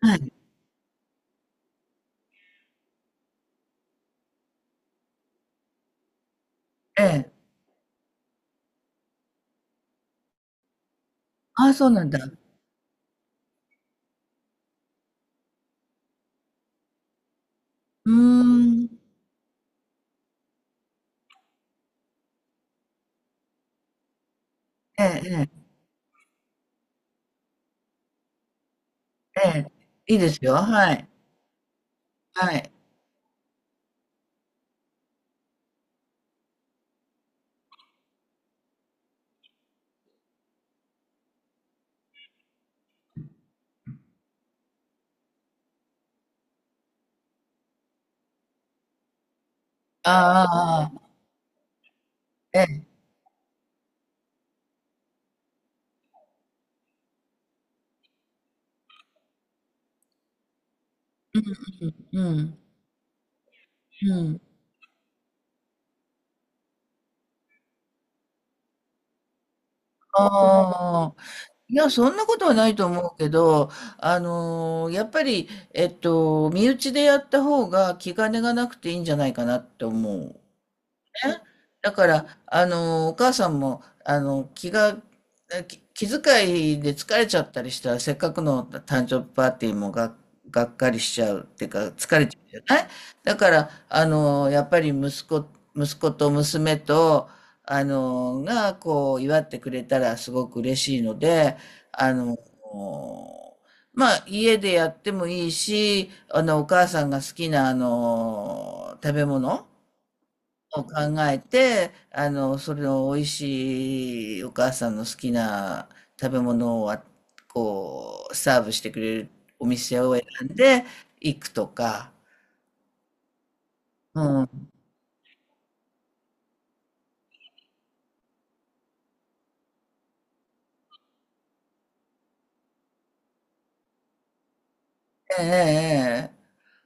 はい、ええ。ああ、そうなんだ。うーん。ええええ、ええ。いいですよ、はい。はい。ああええ。うんうんうん。うん。ああ。いや、そんなことはないと思うけど、やっぱり、身内でやった方が気兼ねがなくていいんじゃないかなって思う。ね、だから、お母さんも、気が、えき気遣いで疲れちゃったりしたら、せっかくの誕生日パーティーもが、がっかりしちゃうっていうか、疲れちゃうじゃない？だから、やっぱり息子と娘と、あの、が、こう、祝ってくれたらすごく嬉しいので、あの、家でやってもいいし、お母さんが好きな、食べ物、を考えて、それの美味しいお母さんの好きな食べ物をサーブしてくれるお店を選んで行くとか、うん。ええ、ええ、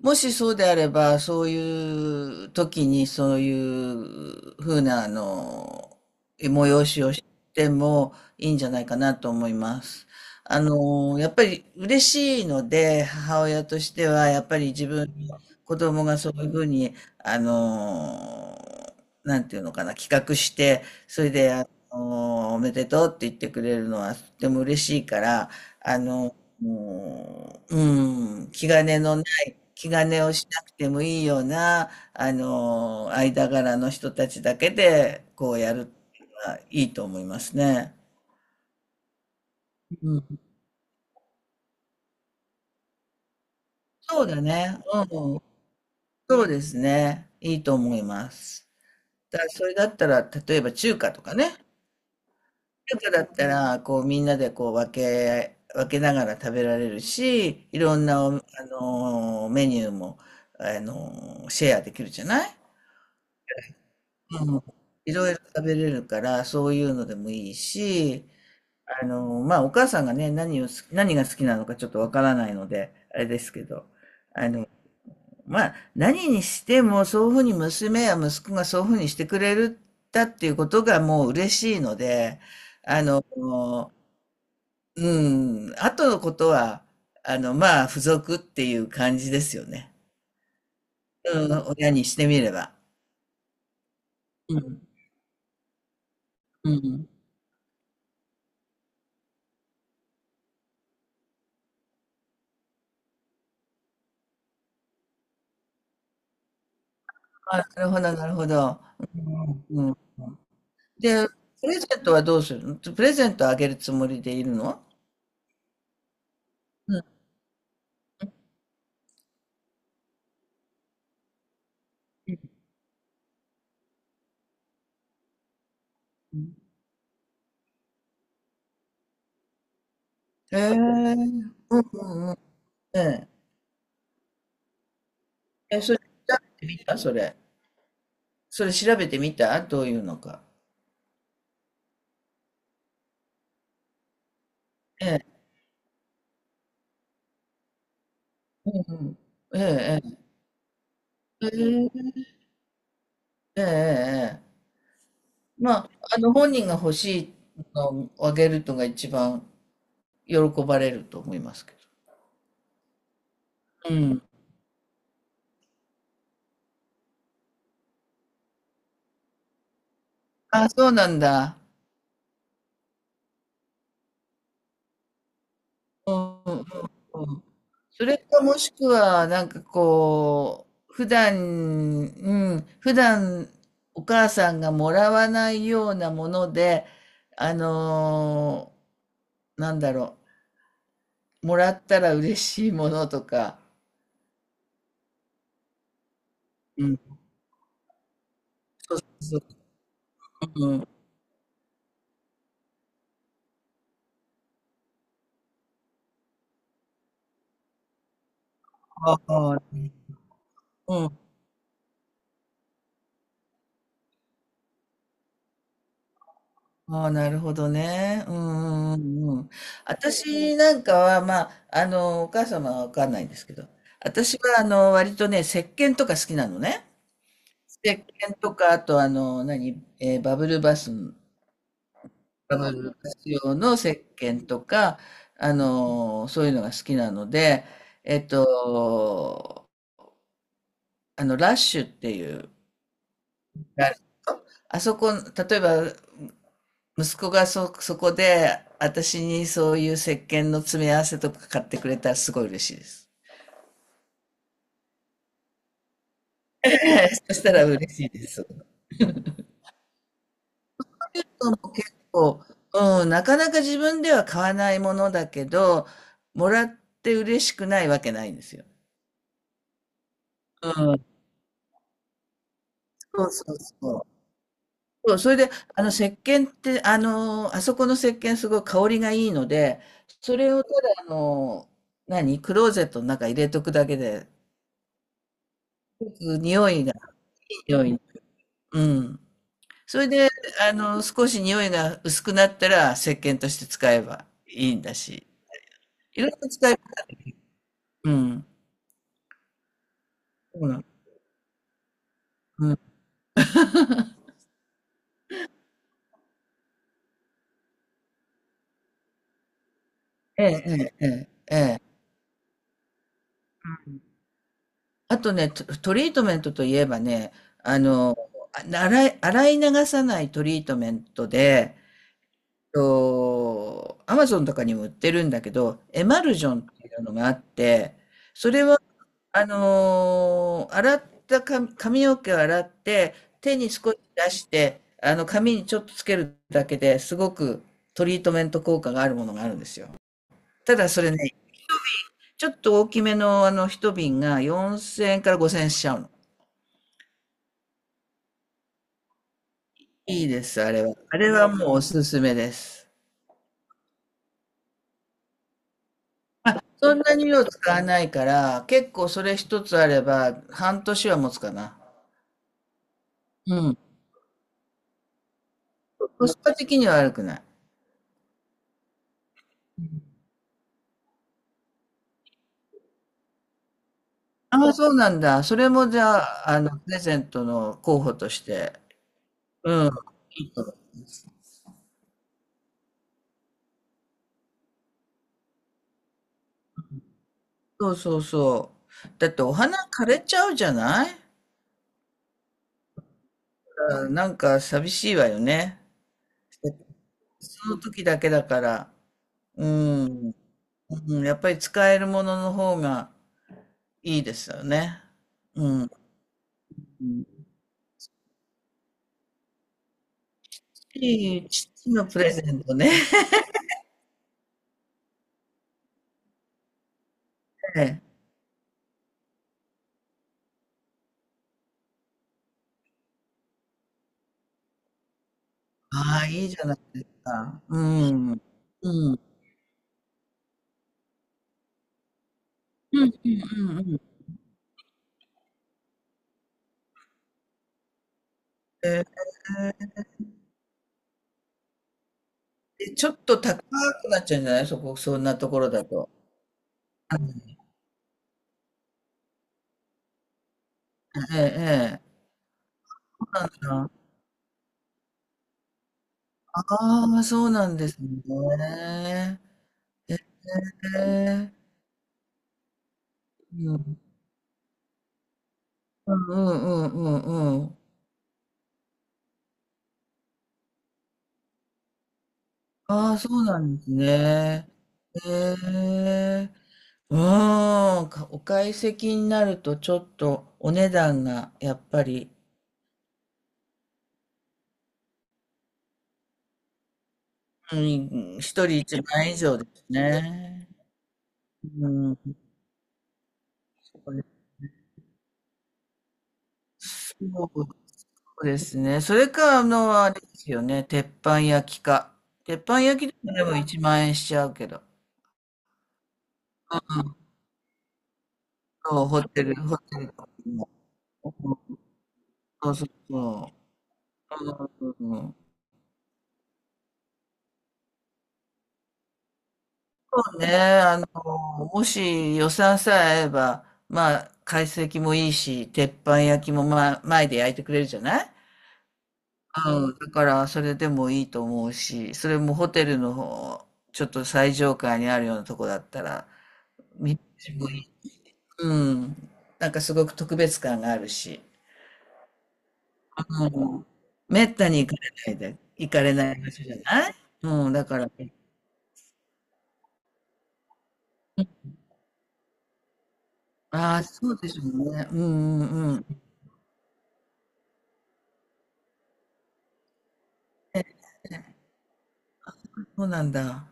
もしそうであれば、そういう時にそういうふうな、催しをしてもいいんじゃないかなと思います。やっぱり嬉しいので、母親としては、やっぱり自分の子供がそういうふうに、あの、なんていうのかな、企画して、それで、おめでとうって言ってくれるのはとても嬉しいから、あの、もう、うん、気兼ねのない、気兼ねをしなくてもいいような、間柄の人たちだけで、こうやるっていうのはいいと思いますね。うん。そうだね。うん。そうですね。いいと思います。だからそれだったら、例えば中華とかね。中華だったら、こうみんなでこう分けながら食べられるし、いろんなお、あの、メニューも、シェアできるじゃない？うん、いろいろ食べれるから、そういうのでもいいし、お母さんがね、何が好きなのかちょっとわからないので、あれですけど、まあ、何にしても、そういうふうに娘や息子がそういうふうにしてくれるだっていうことがもう嬉しいので、あの、うん、あとのことは、付属っていう感じですよね。うん、親にしてみれば。うん、うん。あ、なるほど、なるほど。うん、うん。うん。で、プレゼントはどうするの？プレゼントあげるつもりでいるの？うん。へえ。うんうんうん。ええ。え、それ調べてみた？それ。それ調べてみた？どういうのか。ええ。うんうん。ええええ。へえ。ええええええ。まあ、本人が欲しいのをあげるのが一番喜ばれると思いますけど。うん。あ、そうなんだ。うんうんうんうん。それかもしくは、こう、普段、うん、普段お母さんがもらわないようなもので、あのなんだろう、もらったら嬉しいものとか。うん。そうそうそう。うん。ああ、うん。ああ、なるほどね。うんうんうんうん。私なんかは、まあ、お母様はわかんないんですけど、私は、割とね、石鹸とか好きなのね。石鹸とか、あとあの、何、えーバブルバス用の石鹸とか、そういうのが好きなので、えっと、ラッシュっていう、あそこ、例えば、息子がそこで、私にそういう石鹸の詰め合わせとか買ってくれたらすごい嬉しいです。そしたら嬉しいです。ュートも結構、うん、なかなか自分では買わないものだけど、もらって嬉しくないわけないんですよ。うん、そうそうそう。そう、それで、石鹸って、あそこの石鹸すごい香りがいいので、それをただ、クローゼットの中入れとくだけで、匂いが、いい匂い。うん。それで、少し匂いが薄くなったら、石鹸として使えばいいんだし、いろいろ使えば、うん。そうなの。ええ、ええ、ええ。あとね、トリートメントといえばね、あの、洗い流さないトリートメントで、アマゾンとかにも売ってるんだけど、エマルジョンっていうのがあって、それは、洗った髪の毛を洗って、手に少し出して、髪にちょっとつけるだけですごくトリートメント効果があるものがあるんですよ。ただそれね、ちょっと大きめの一瓶が4000円から5000円しちゃうの。いいです、あれは。あれはもうおすすめです。そんなに量使わないから、結構それ一つあれば半年は持つかな。うん。コスパ的には悪くない。ああ、そうなんだ。それもじゃあ、プレゼントの候補として。うん。そうそうそう。だってお花枯れちゃうじゃない？うん、なんか寂しいわよね。その時だけだから。うん。うん、やっぱり使えるものの方がいいですよね。うん。うん。いい父のプレゼントね。ええ。ああ、いいじゃないですか。うん。うん。うんうんうんうん。え。え、ちょっと高くなっちゃうんじゃない？そこ、そんなところだと。ええええ。そうなんだ。ああ、そうなんですね。ええ。うん。うんうんうんうんうん。ああ、そうなんですね。へえ。うーん、お懐石になるとちょっとお値段がやっぱり、うん、一人一万円以上ですね。うん、これそうですね。それか、あれですよね。鉄板焼きか。鉄板焼きでも1万円しちゃうけど。うん、そう、ホテルとかも。う、そうそうそう。うん、ねえ、あの、もし予算さえ合えば、まあ、懐石もいいし、鉄板焼きも、まあ、前で焼いてくれるじゃない？うん、だから、それでもいいと思うし、それもホテルの方、ちょっと最上階にあるようなとこだったら、見晴らしもいい。うん。なんかすごく特別感があるし、うん。めったに行かれない場所じゃない？うん、だから、ああ、そうでしょうね。うんうんうん。ねね、そうなんだ。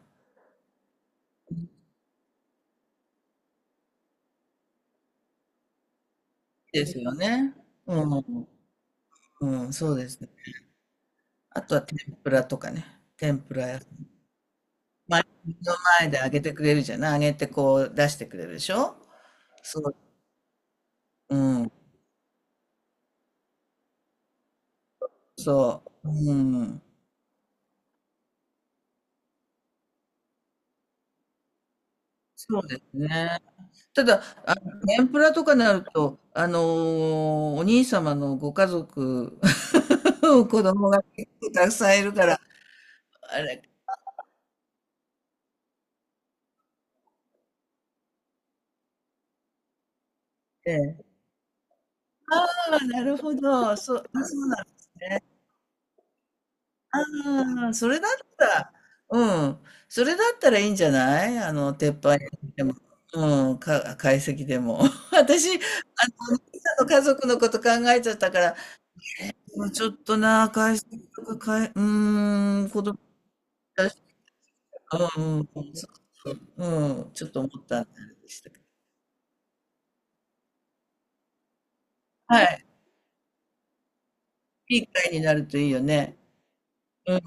ですよね。うん。うん、そうですね。あとは天ぷらとかね。天ぷら屋さん。まあ、目の前で揚げてくれるじゃない。揚げてこう出してくれるでしょ？そう。うん。そう。うん。そうですね。ただ、天ぷらとかになると、お兄様のご家族、子供が結構たくさんいるから、あれ、ええ。ああ、なるほど。そう、あ、そうなんですね。ああ、それだったら、うん、それだったらいいんじゃない？鉄板焼きでも、うん、懐石でも。私、お兄さんの家族のこと考えちゃったから、うん、ちょっとな、懐石とか、うーん、子供たち、うん、うん、そうそう、うん、ちょっと思ったんでしたけど。はい、いい会になるといいよね。うん。